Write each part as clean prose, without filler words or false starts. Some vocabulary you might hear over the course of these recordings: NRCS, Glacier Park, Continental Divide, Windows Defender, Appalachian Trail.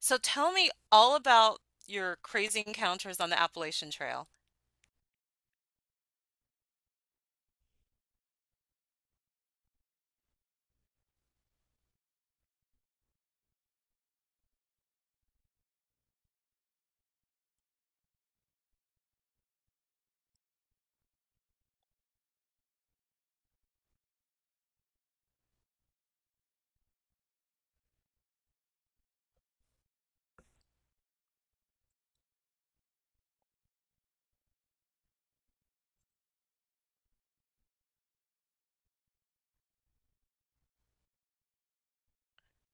So tell me all about your crazy encounters on the Appalachian Trail.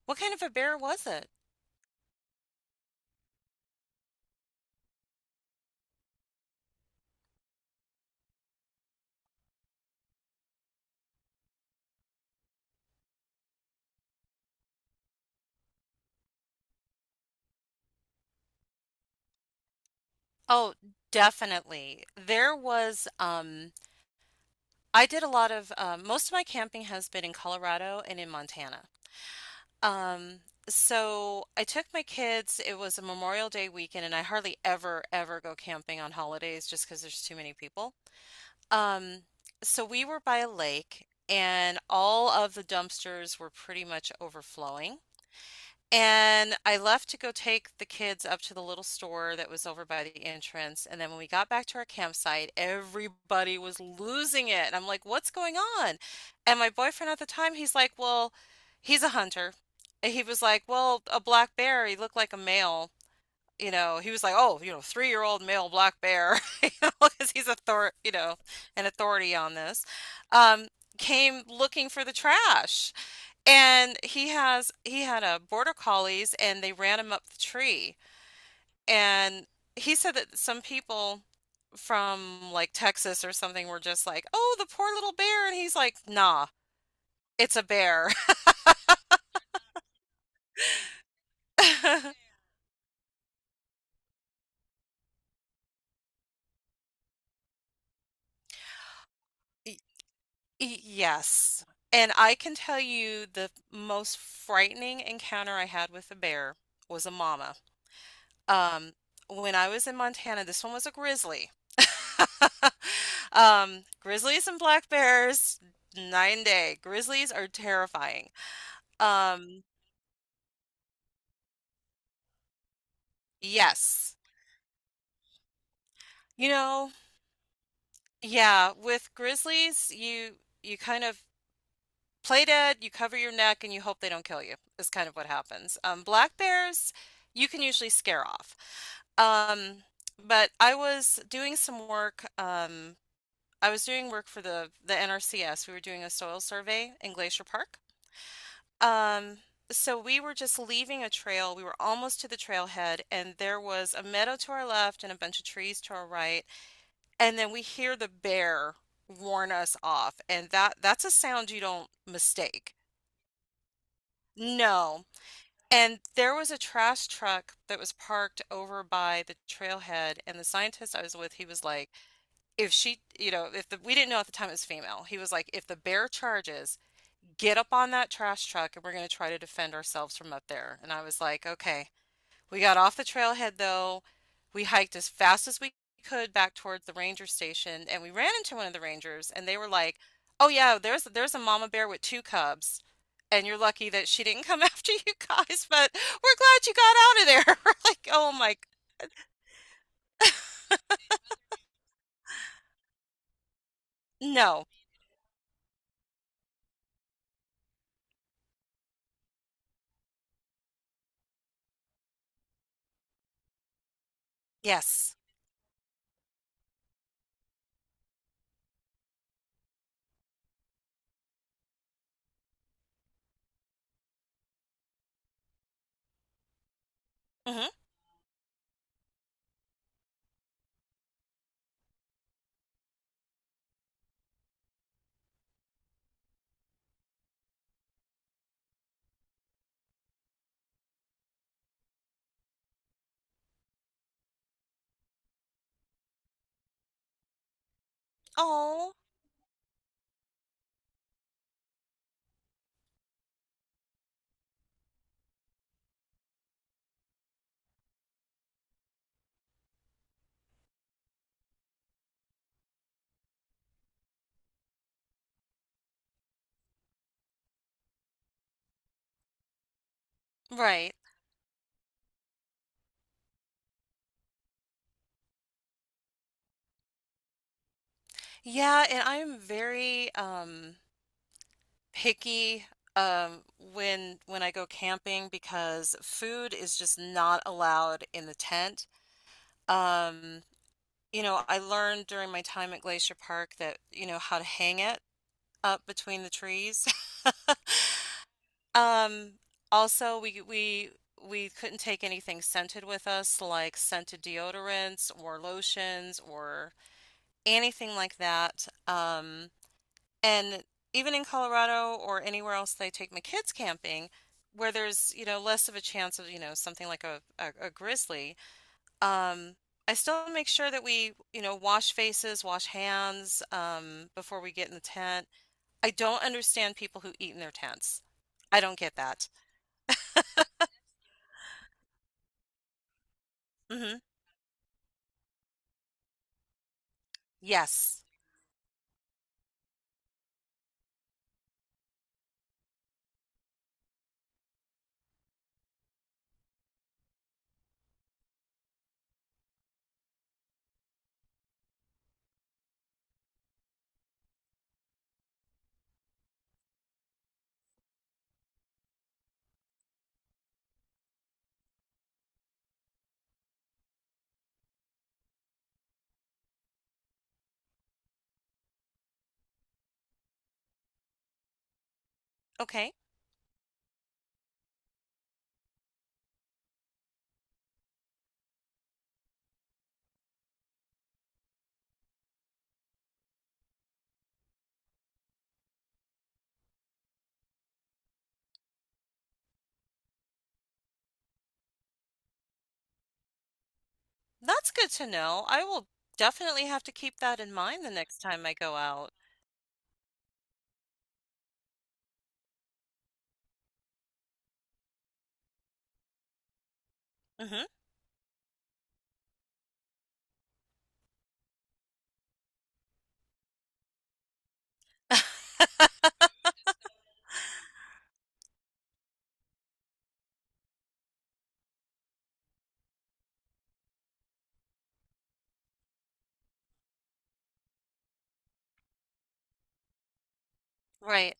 What kind of a bear was it? Oh, definitely. I did a lot of, most of my camping has been in Colorado and in Montana. Um, so I took my kids, it was a Memorial Day weekend, and I hardly ever, ever go camping on holidays just because there's too many people. Um, so we were by a lake, and all of the dumpsters were pretty much overflowing. And I left to go take the kids up to the little store that was over by the entrance. And then when we got back to our campsite, everybody was losing it. And I'm like, what's going on? And my boyfriend at the time, he's like, well, he's a hunter. And he was like, well, a black bear, he looked like a male. You know, he was like, oh, you know, three-year-old male black bear, you know, because he's a thor, you know, an authority on this, um, came looking for the trash. And he had a border collies and they ran him up the tree. And he said that some people from like Texas or something were just like, "Oh, the poor little bear." And he's like, "Nah, it's a bear." Y- Yes. And I can tell you the most frightening encounter I had with a bear was a mama. Um, when I was in Montana, this one was a grizzly. Grizzlies and black bears, night and day. Grizzlies are terrifying. Um, yes. You know, yeah, with grizzlies, you kind of play dead, you cover your neck, and you hope they don't kill you, is kind of what happens. Black bears, you can usually scare off. Um, but I was doing some work I was doing work for the NRCS. We were doing a soil survey in Glacier Park. Um, so we were just leaving a trail. We were almost to the trailhead, and there was a meadow to our left and a bunch of trees to our right. And then we hear the bear warn us off, and that's a sound you don't mistake. No. And there was a trash truck that was parked over by the trailhead, and the scientist I was with, he was like, if she, you know, if the, we didn't know at the time it was female, he was like, if the bear charges, get up on that trash truck and we're going to try to defend ourselves from up there. And I was like, okay. We got off the trailhead though. We hiked as fast as we could back towards the ranger station and we ran into one of the rangers and they were like, "Oh yeah, there's a mama bear with two cubs." And you're lucky that she didn't come after you guys, but we're glad you got out of there. We're like, oh my, no. Yes. Mm-hmm. Oh, right. Yeah, and I'm very picky, um, when I go camping because food is just not allowed in the tent. Um, you know, I learned during my time at Glacier Park that, you know, how to hang it up between the trees. Um, Also we couldn't take anything scented with us, like scented deodorants or lotions or anything like that. And even in Colorado or anywhere else they take my kids camping, where there's, you know, less of a chance of, you know, something like a grizzly, um, I still make sure that we, you know, wash faces, wash hands, before we get in the tent. I don't understand people who eat in their tents. I don't get that. Hmm. Yes. Okay. That's good to know. I will definitely have to keep that in mind the next time I go out. Hmm. Right.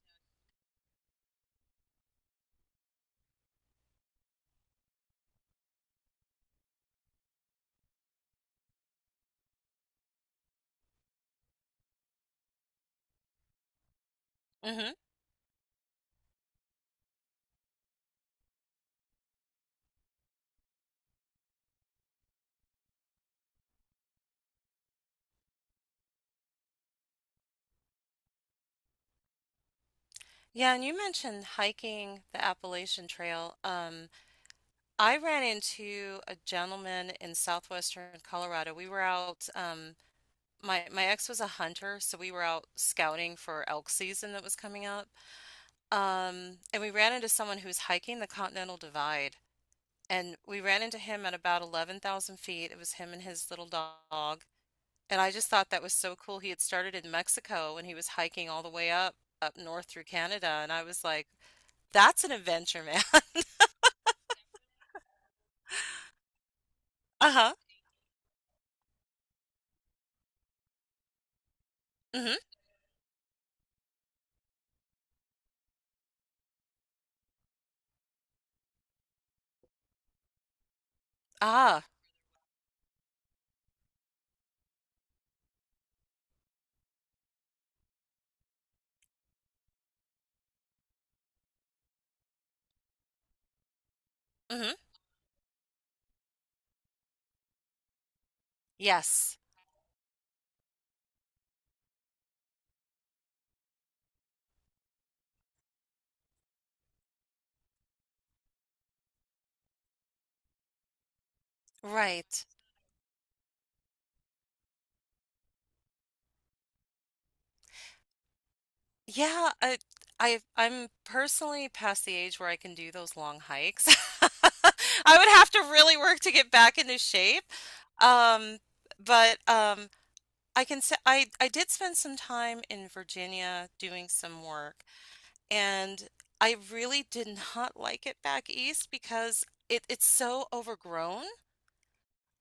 Hmm. Yeah, and you mentioned hiking the Appalachian Trail. I ran into a gentleman in southwestern Colorado. We were out, my ex was a hunter, so we were out scouting for elk season that was coming up. And we ran into someone who was hiking the Continental Divide, and we ran into him at about 11,000 feet. It was him and his little dog. And I just thought that was so cool. He had started in Mexico and he was hiking all the way up north through Canada, and I was like, that's an adventure, man. Uh-huh. Mhm. Ah. Mhm. Yes. Right. Yeah, I'm personally past the age where I can do those long hikes. I would have to really work to get back into shape. Um, but I can say I did spend some time in Virginia doing some work and I really did not like it back east because it's so overgrown.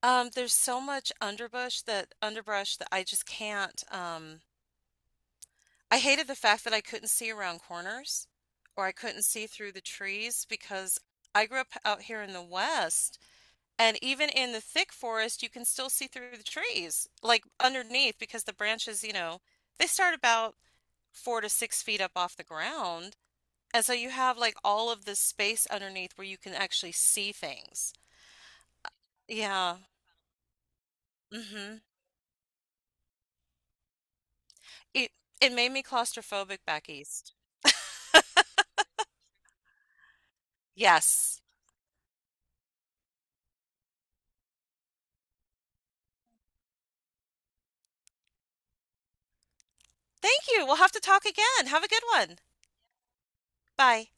There's so much underbrush, that underbrush that I just can't. I hated the fact that I couldn't see around corners or I couldn't see through the trees because I grew up out here in the West, and even in the thick forest, you can still see through the trees, like underneath, because the branches, you know, they start about 4 to 6 feet up off the ground. And so you have like all of this space underneath where you can actually see things. Yeah. Hmm. It it made me claustrophobic back east. Yes. Thank you. We'll have to talk again. Have a good one. Bye.